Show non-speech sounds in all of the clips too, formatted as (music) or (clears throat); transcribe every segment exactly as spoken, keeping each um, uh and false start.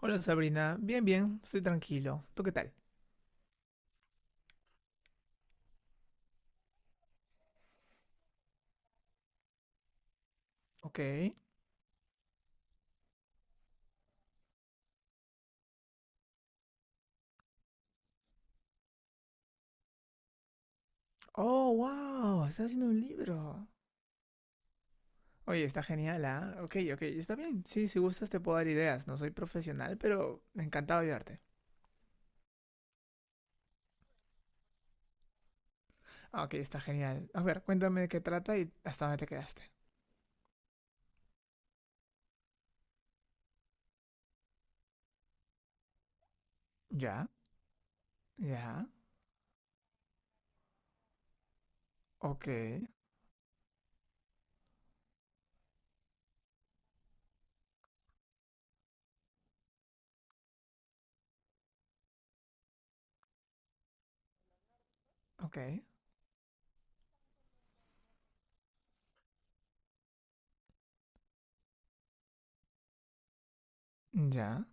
Hola Sabrina, bien, bien, estoy tranquilo. ¿Tú qué tal? Ok. Oh, wow, estás haciendo un libro. Oye, está genial, ¿ah? Ok, ok, está bien. Sí, si gustas te puedo dar ideas. No soy profesional, pero me encantado ayudarte. Ah, ok, está genial. A ver, cuéntame de qué trata y hasta dónde te quedaste. Ya, ya, ok, ok, ya.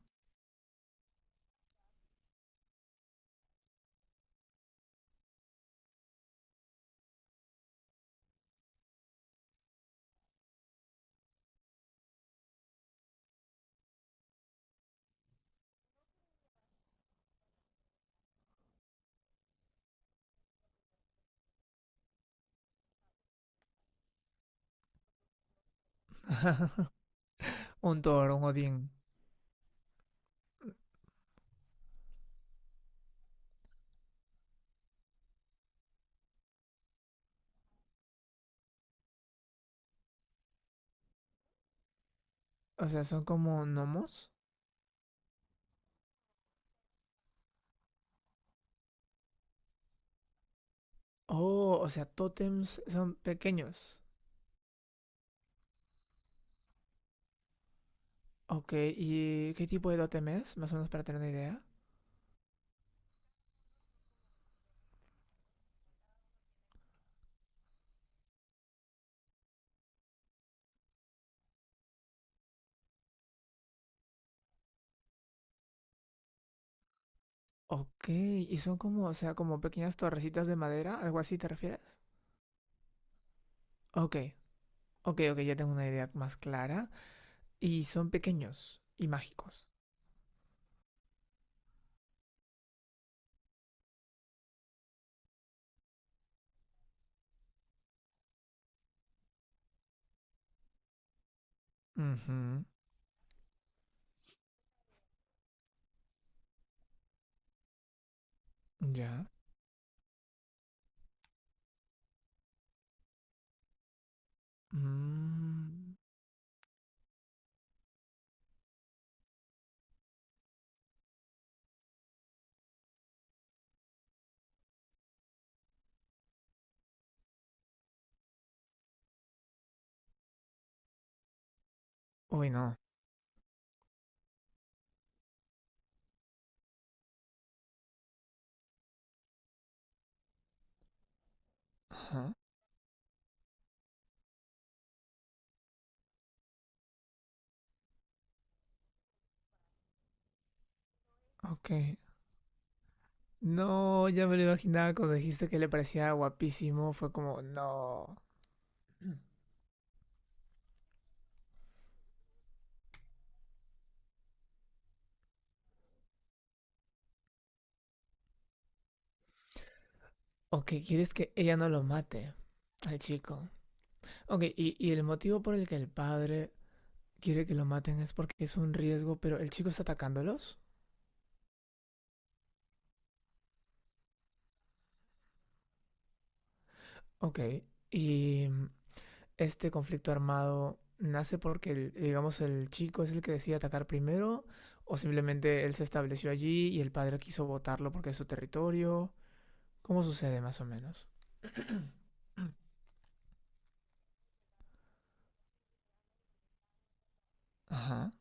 (laughs) Un Thor, un Odín. O sea, son como gnomos. Oh, o sea, tótems son pequeños. Ok, ¿y qué tipo de totem es? Más o menos para tener una idea. Ok, ¿y son como, o sea, como pequeñas torrecitas de madera? ¿Algo así te refieres? Ok, ok, ok, ya tengo una idea más clara. Y son pequeños y mágicos. Ujú, ya. Mm, Uy, no. Ajá, ok. No, ya me lo imaginaba cuando dijiste que le parecía guapísimo. Fue como, no. Ok, ¿quieres que ella no lo mate al chico? Ok, y, y el motivo por el que el padre quiere que lo maten es porque es un riesgo, pero el chico está atacándolos. Ok. Y mm, este conflicto armado nace porque, el- digamos, el chico es el que decide atacar primero o simplemente él se estableció allí y el padre quiso botarlo porque es su territorio. ¿Cómo sucede más o menos? Ajá.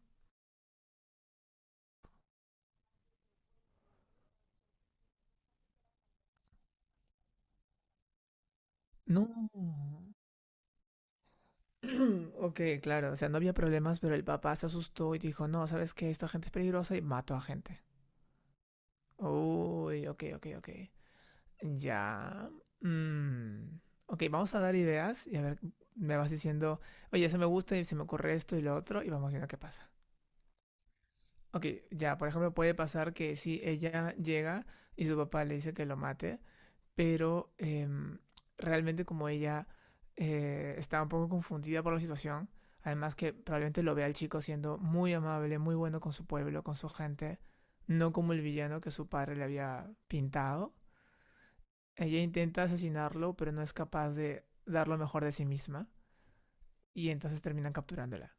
No. (clears throat) Ok, claro. O sea, no había problemas, pero el papá se asustó y dijo, no, ¿sabes qué? Esta gente es peligrosa y mató a gente. Uy, ok, ok, ok. Ya. mm, Ok, vamos a dar ideas y a ver, me vas diciendo, oye, eso me gusta y se me ocurre esto y lo otro y vamos viendo qué pasa. Ok, ya, por ejemplo, puede pasar que si ella llega y su papá le dice que lo mate, pero em, realmente como ella eh, está un poco confundida por la situación, además que probablemente lo vea el chico siendo muy amable, muy bueno con su pueblo, con su gente, no como el villano que su padre le había pintado ella intenta asesinarlo, pero no es capaz de dar lo mejor de sí misma. Y entonces terminan capturándola.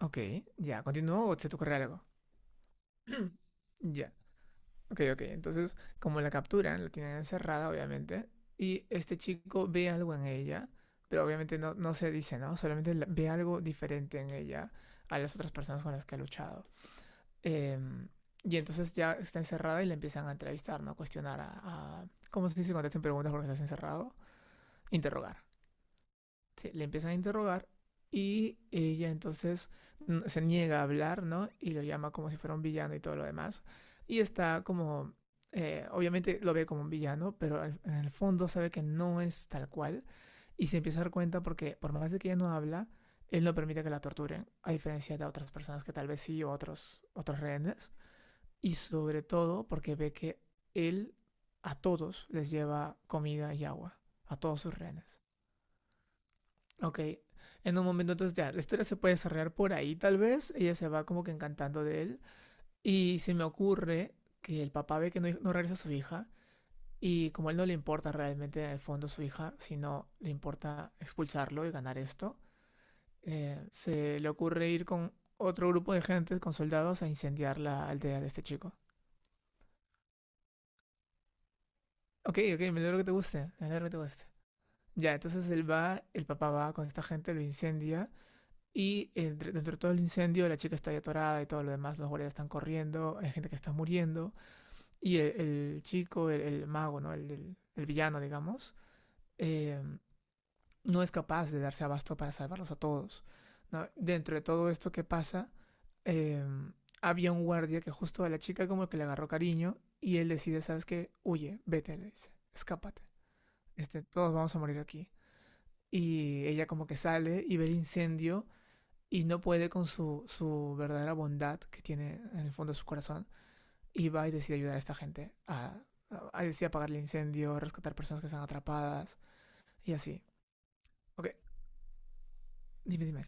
Ok, ya, continúo o se te ocurre algo. Ya, ok, ok. Entonces, como la capturan, la tienen encerrada, obviamente. Y este chico ve algo en ella, pero obviamente no, no se dice, ¿no? Solamente la- ve algo diferente en ella a las otras personas con las que ha luchado. Em, y entonces ya está encerrada y la empiezan a entrevistar, ¿no? Cuestionar a... a- ¿Cómo se dice cuando te hacen preguntas porque estás encerrado? Interrogar. Se- le empiezan a interrogar y ella entonces mm, se niega a hablar, ¿no? Y lo llama como si fuera un villano y todo lo demás. Y está como, eh, obviamente lo ve como un villano, pero al- en el fondo sabe que no es tal cual y se empieza a dar cuenta porque por más de que ella no habla, él no permite que la torturen, a diferencia de otras personas que tal vez sí o otros, otros rehenes. Y sobre todo porque ve que él a todos les lleva comida y agua, a todos sus rehenes. Ok, en un momento entonces ya, la historia se puede desarrollar por ahí tal vez, ella se va como que encantando de él y se me ocurre que el papá ve que no, no regresa su hija y como a él no le importa realmente en el fondo su hija, sino le importa expulsarlo y ganar esto, eh, se le ocurre ir con otro grupo de gente, con soldados, a incendiar la aldea de este chico. Ok, ok, me alegro que te guste, me alegro que te guste. Ya, entonces él va, el papá va con esta gente, lo incendia. Y eh, dentro de todo el incendio, la chica está ahí atorada y todo lo demás, los guardias están corriendo, hay gente que está muriendo. Y el, el chico, el, el mago, ¿no? El, el- el villano, digamos, eh, no es capaz de darse abasto para salvarlos a todos. ¿No? Dentro de todo esto que pasa, eh, había un guardia que justo a la chica como que le agarró cariño y él decide, ¿sabes qué? Huye, vete, le dice, escápate. Este, todos vamos a morir aquí. Y ella como que sale y ve el incendio y no puede con su, su verdadera bondad que tiene en el fondo de su corazón y va y decide ayudar a esta gente a, a, a decide apagar el incendio, rescatar personas que están atrapadas y así. Ok, dime, dime.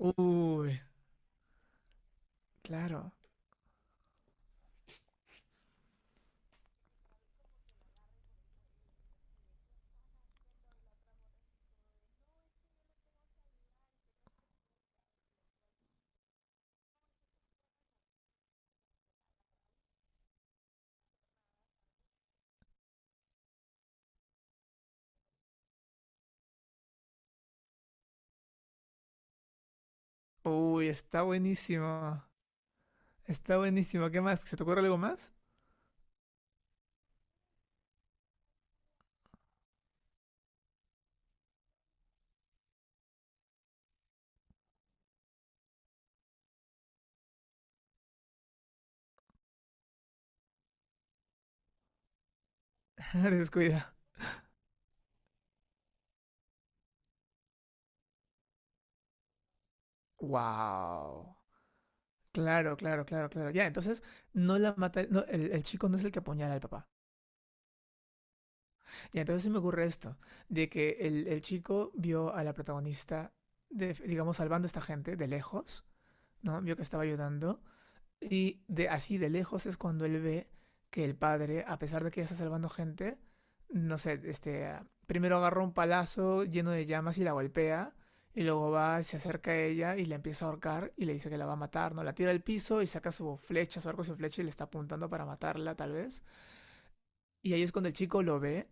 Uy, claro. Uy, está buenísimo. Está buenísimo. ¿Qué más? ¿Se te ocurre algo más? (laughs) Descuida. Wow. Claro, claro, claro, claro. Ya, entonces no la mata, no, el, el chico no es el que apuñala al papá. Y entonces se me ocurre esto, de que el, el chico vio a la protagonista, de- digamos, salvando a esta gente de lejos, ¿no? Vio que estaba ayudando. Y de así de lejos es cuando él ve que el padre, a pesar de que ya está salvando gente, no sé, este, ah, primero agarra un palazo lleno de llamas y la golpea. Y luego va, se acerca a ella y la empieza a ahorcar y le dice que la va a matar, ¿no? La tira al piso y saca su flecha, su arco y su flecha y le está apuntando para matarla, tal vez. Y ahí es cuando el chico lo ve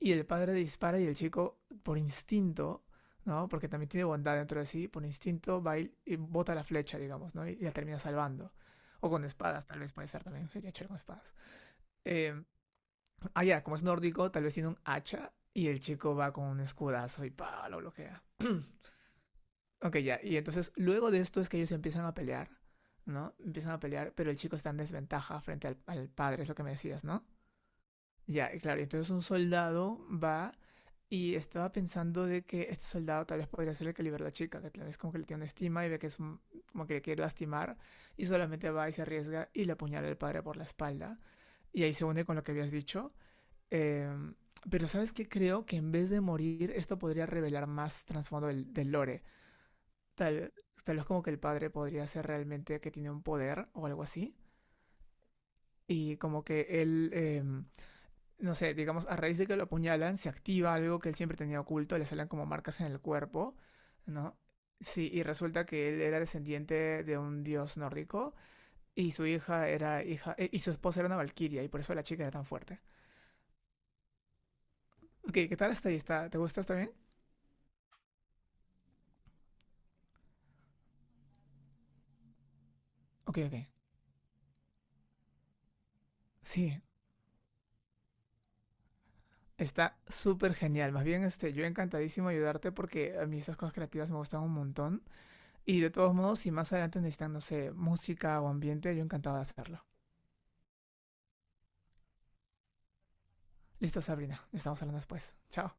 y el padre dispara y el chico, por instinto, ¿no? Porque también tiene bondad dentro de sí, por instinto va y y bota la flecha, digamos, ¿no? Y y la termina salvando. O con espadas, tal vez puede ser también, sería chévere con espadas. Eh, ah, ya, como es nórdico, tal vez tiene un hacha y el chico va con un escudazo y pa, lo bloquea. (clears throat) Ok, ya, y entonces luego de esto es que ellos empiezan a pelear, ¿no? Empiezan a pelear, pero el chico está en desventaja frente al, al padre, es lo que me decías, ¿no? Ya, claro, entonces un soldado va y estaba pensando de que este soldado tal vez podría ser el que liberó a la chica, que tal vez como que le tiene una estima y ve que es un- como que le quiere lastimar y solamente va y se arriesga y le apuñala al padre por la espalda y ahí se une con lo que habías dicho. Em, pero ¿sabes qué? Creo que en vez de morir esto podría revelar más trasfondo del, del lore. Tal, tal vez como que el padre podría ser realmente que tiene un poder o algo así y como que él... em, no sé, digamos, a raíz de que lo apuñalan, se activa algo que él siempre tenía oculto, le salen como marcas en el cuerpo, ¿no? Sí, y resulta que él era descendiente de un dios nórdico y su hija era hija eh, y su esposa era una valquiria y por eso la chica era tan fuerte. Ok, ¿qué tal hasta ahí? ¿Está, ¿te gusta? ¿Está bien? Ok, ok. Sí, está súper genial. Más bien, este, yo encantadísimo ayudarte porque a mí estas cosas creativas me gustan un montón. Y de todos modos, si más adelante necesitan, no sé, música o ambiente, yo encantado de hacerlo. Listo, Sabrina. Estamos hablando después. Chao.